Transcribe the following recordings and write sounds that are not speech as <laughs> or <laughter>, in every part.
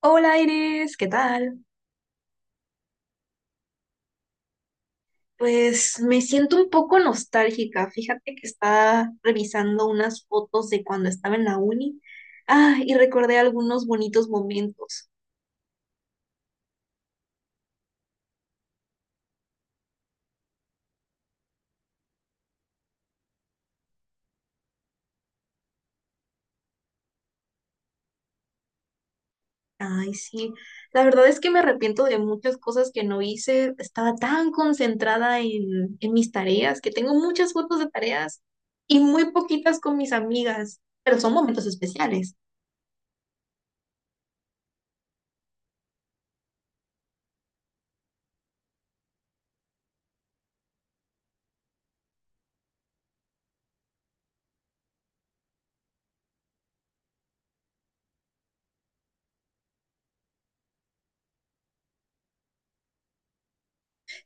Hola, Iris, ¿qué tal? Pues me siento un poco nostálgica. Fíjate que estaba revisando unas fotos de cuando estaba en la uni. Ah, y recordé algunos bonitos momentos. Ay, sí. La verdad es que me arrepiento de muchas cosas que no hice. Estaba tan concentrada en mis tareas, que tengo muchas fotos de tareas y muy poquitas con mis amigas, pero son momentos especiales.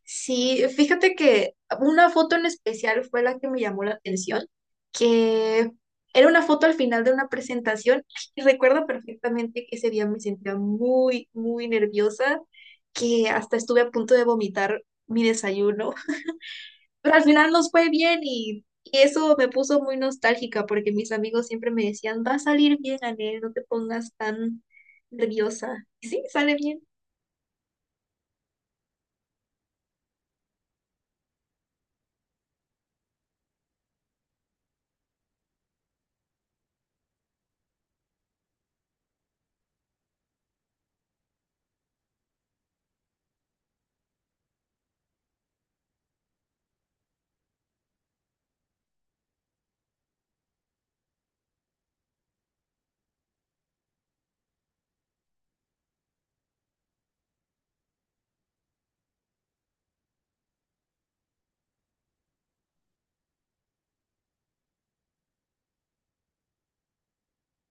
Sí, fíjate que una foto en especial fue la que me llamó la atención, que era una foto al final de una presentación <laughs> y recuerdo perfectamente que ese día me sentía muy, muy nerviosa, que hasta estuve a punto de vomitar mi desayuno. <laughs> Pero al final nos fue bien y eso me puso muy nostálgica, porque mis amigos siempre me decían, va a salir bien, Anel, no te pongas tan nerviosa. Y sí, sale bien.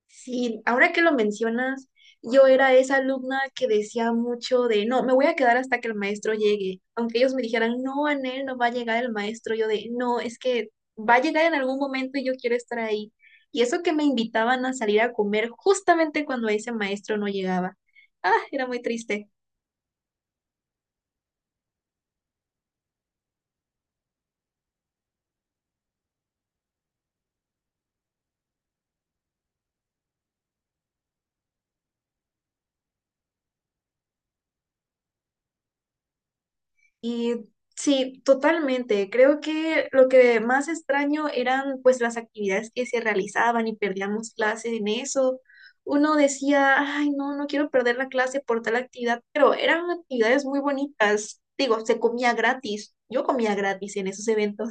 Sí, ahora que lo mencionas, yo era esa alumna que decía mucho de, no, me voy a quedar hasta que el maestro llegue. Aunque ellos me dijeran, no, Anel, no va a llegar el maestro, yo de, no, es que va a llegar en algún momento y yo quiero estar ahí. Y eso que me invitaban a salir a comer justamente cuando ese maestro no llegaba. Ah, era muy triste. Y sí, totalmente. Creo que lo que más extraño eran pues las actividades que se realizaban y perdíamos clases en eso. Uno decía, ay, no, no quiero perder la clase por tal actividad, pero eran actividades muy bonitas. Digo, se comía gratis. Yo comía gratis en esos eventos.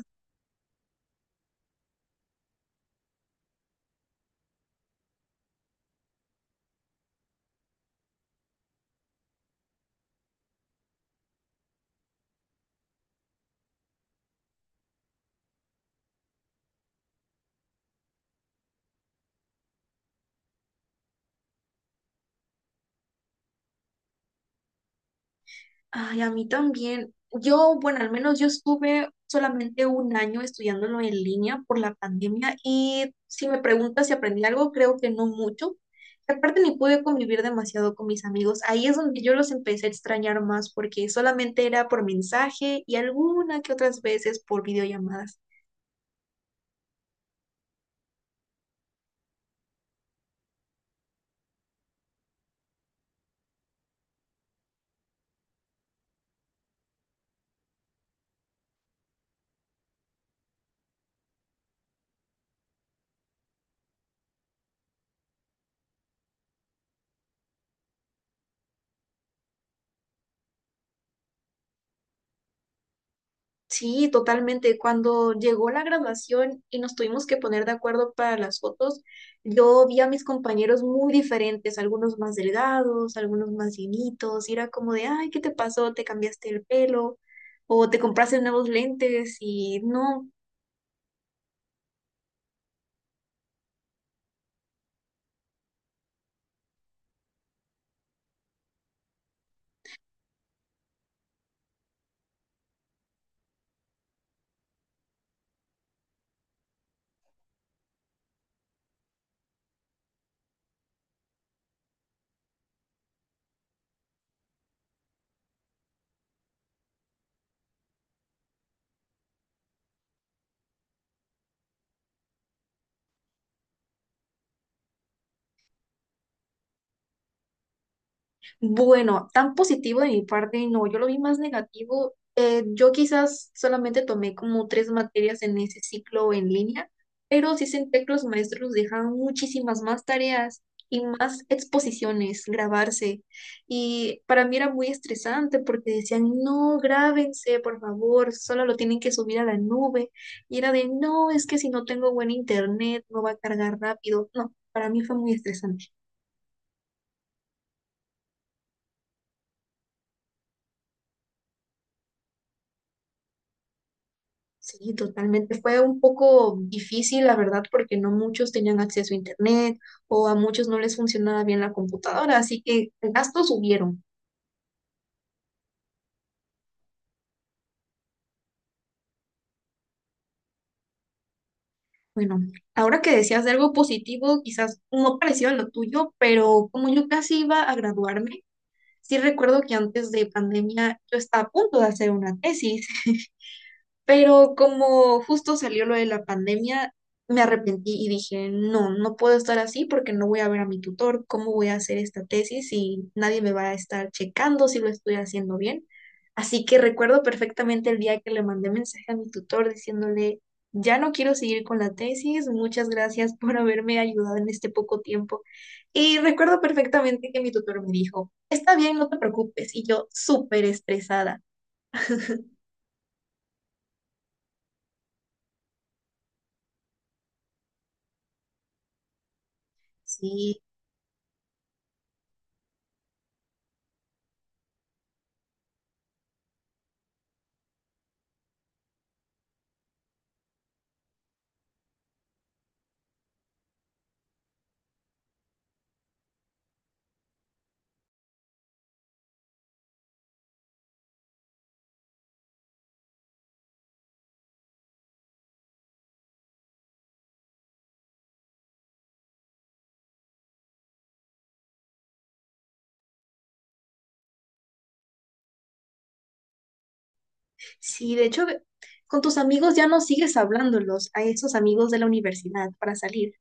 Ay, a mí también. Yo, bueno, al menos yo estuve solamente un año estudiándolo en línea por la pandemia, y si me preguntas si aprendí algo, creo que no mucho. Y aparte, ni pude convivir demasiado con mis amigos. Ahí es donde yo los empecé a extrañar más, porque solamente era por mensaje y alguna que otras veces por videollamadas. Sí, totalmente. Cuando llegó la graduación y nos tuvimos que poner de acuerdo para las fotos, yo vi a mis compañeros muy diferentes, algunos más delgados, algunos más llenitos, y era como de, ay, ¿qué te pasó? ¿Te cambiaste el pelo? ¿O te compraste nuevos lentes? Y no. Bueno, tan positivo de mi parte, no, yo lo vi más negativo. Yo quizás solamente tomé como tres materias en ese ciclo en línea, pero sí senté que los maestros dejaban muchísimas más tareas y más exposiciones, grabarse. Y para mí era muy estresante, porque decían, no, grábense, por favor, solo lo tienen que subir a la nube. Y era de, no, es que si no tengo buen internet, no va a cargar rápido. No, para mí fue muy estresante. Sí, totalmente. Fue un poco difícil, la verdad, porque no muchos tenían acceso a internet o a muchos no les funcionaba bien la computadora, así que gastos hubieron. Bueno, ahora que decías de algo positivo, quizás no parecido a lo tuyo, pero como yo casi iba a graduarme, sí recuerdo que antes de pandemia yo estaba a punto de hacer una tesis. Pero como justo salió lo de la pandemia, me arrepentí y dije, no, no puedo estar así, porque no voy a ver a mi tutor, ¿cómo voy a hacer esta tesis si nadie me va a estar checando si lo estoy haciendo bien? Así que recuerdo perfectamente el día que le mandé mensaje a mi tutor diciéndole, ya no quiero seguir con la tesis, muchas gracias <laughs> por haberme ayudado en este poco tiempo. Y recuerdo perfectamente que mi tutor me dijo, está bien, no te preocupes. Y yo súper estresada. Sí. Sí, de hecho, con tus amigos ya no sigues hablándolos, a esos amigos de la universidad para salir.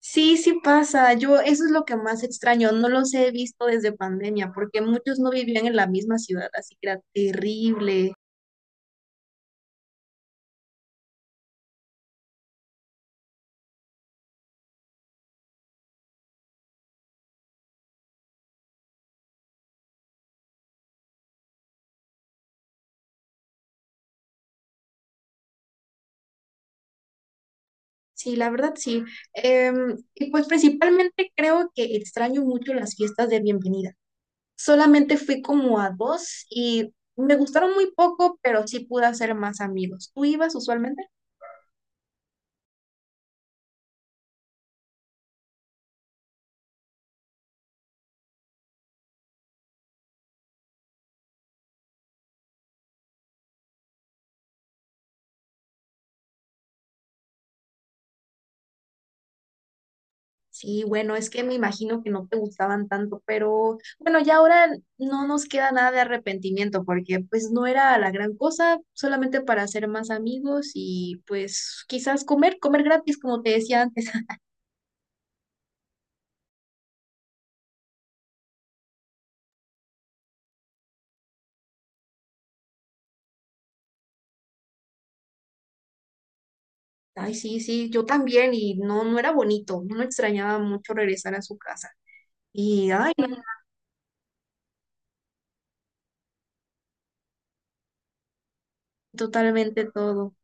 Sí, sí pasa, yo eso es lo que más extraño, no los he visto desde pandemia porque muchos no vivían en la misma ciudad, así que era terrible. Sí, la verdad sí. Em, y pues principalmente creo que extraño mucho las fiestas de bienvenida. Solamente fui como a dos y me gustaron muy poco, pero sí pude hacer más amigos. ¿Tú ibas usualmente? Sí, bueno, es que me imagino que no te gustaban tanto, pero bueno, ya ahora no nos queda nada de arrepentimiento, porque pues no era la gran cosa, solamente para hacer más amigos y pues quizás comer, comer gratis, como te decía antes. Ay, sí, sí, yo también, y no, no era bonito, no me extrañaba mucho regresar a su casa. Y ay, no, totalmente todo.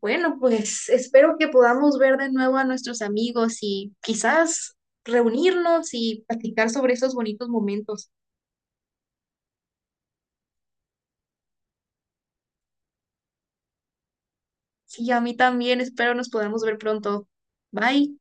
Bueno, pues espero que podamos ver de nuevo a nuestros amigos y quizás reunirnos y platicar sobre esos bonitos momentos. Sí, a mí también, espero nos podamos ver pronto. Bye.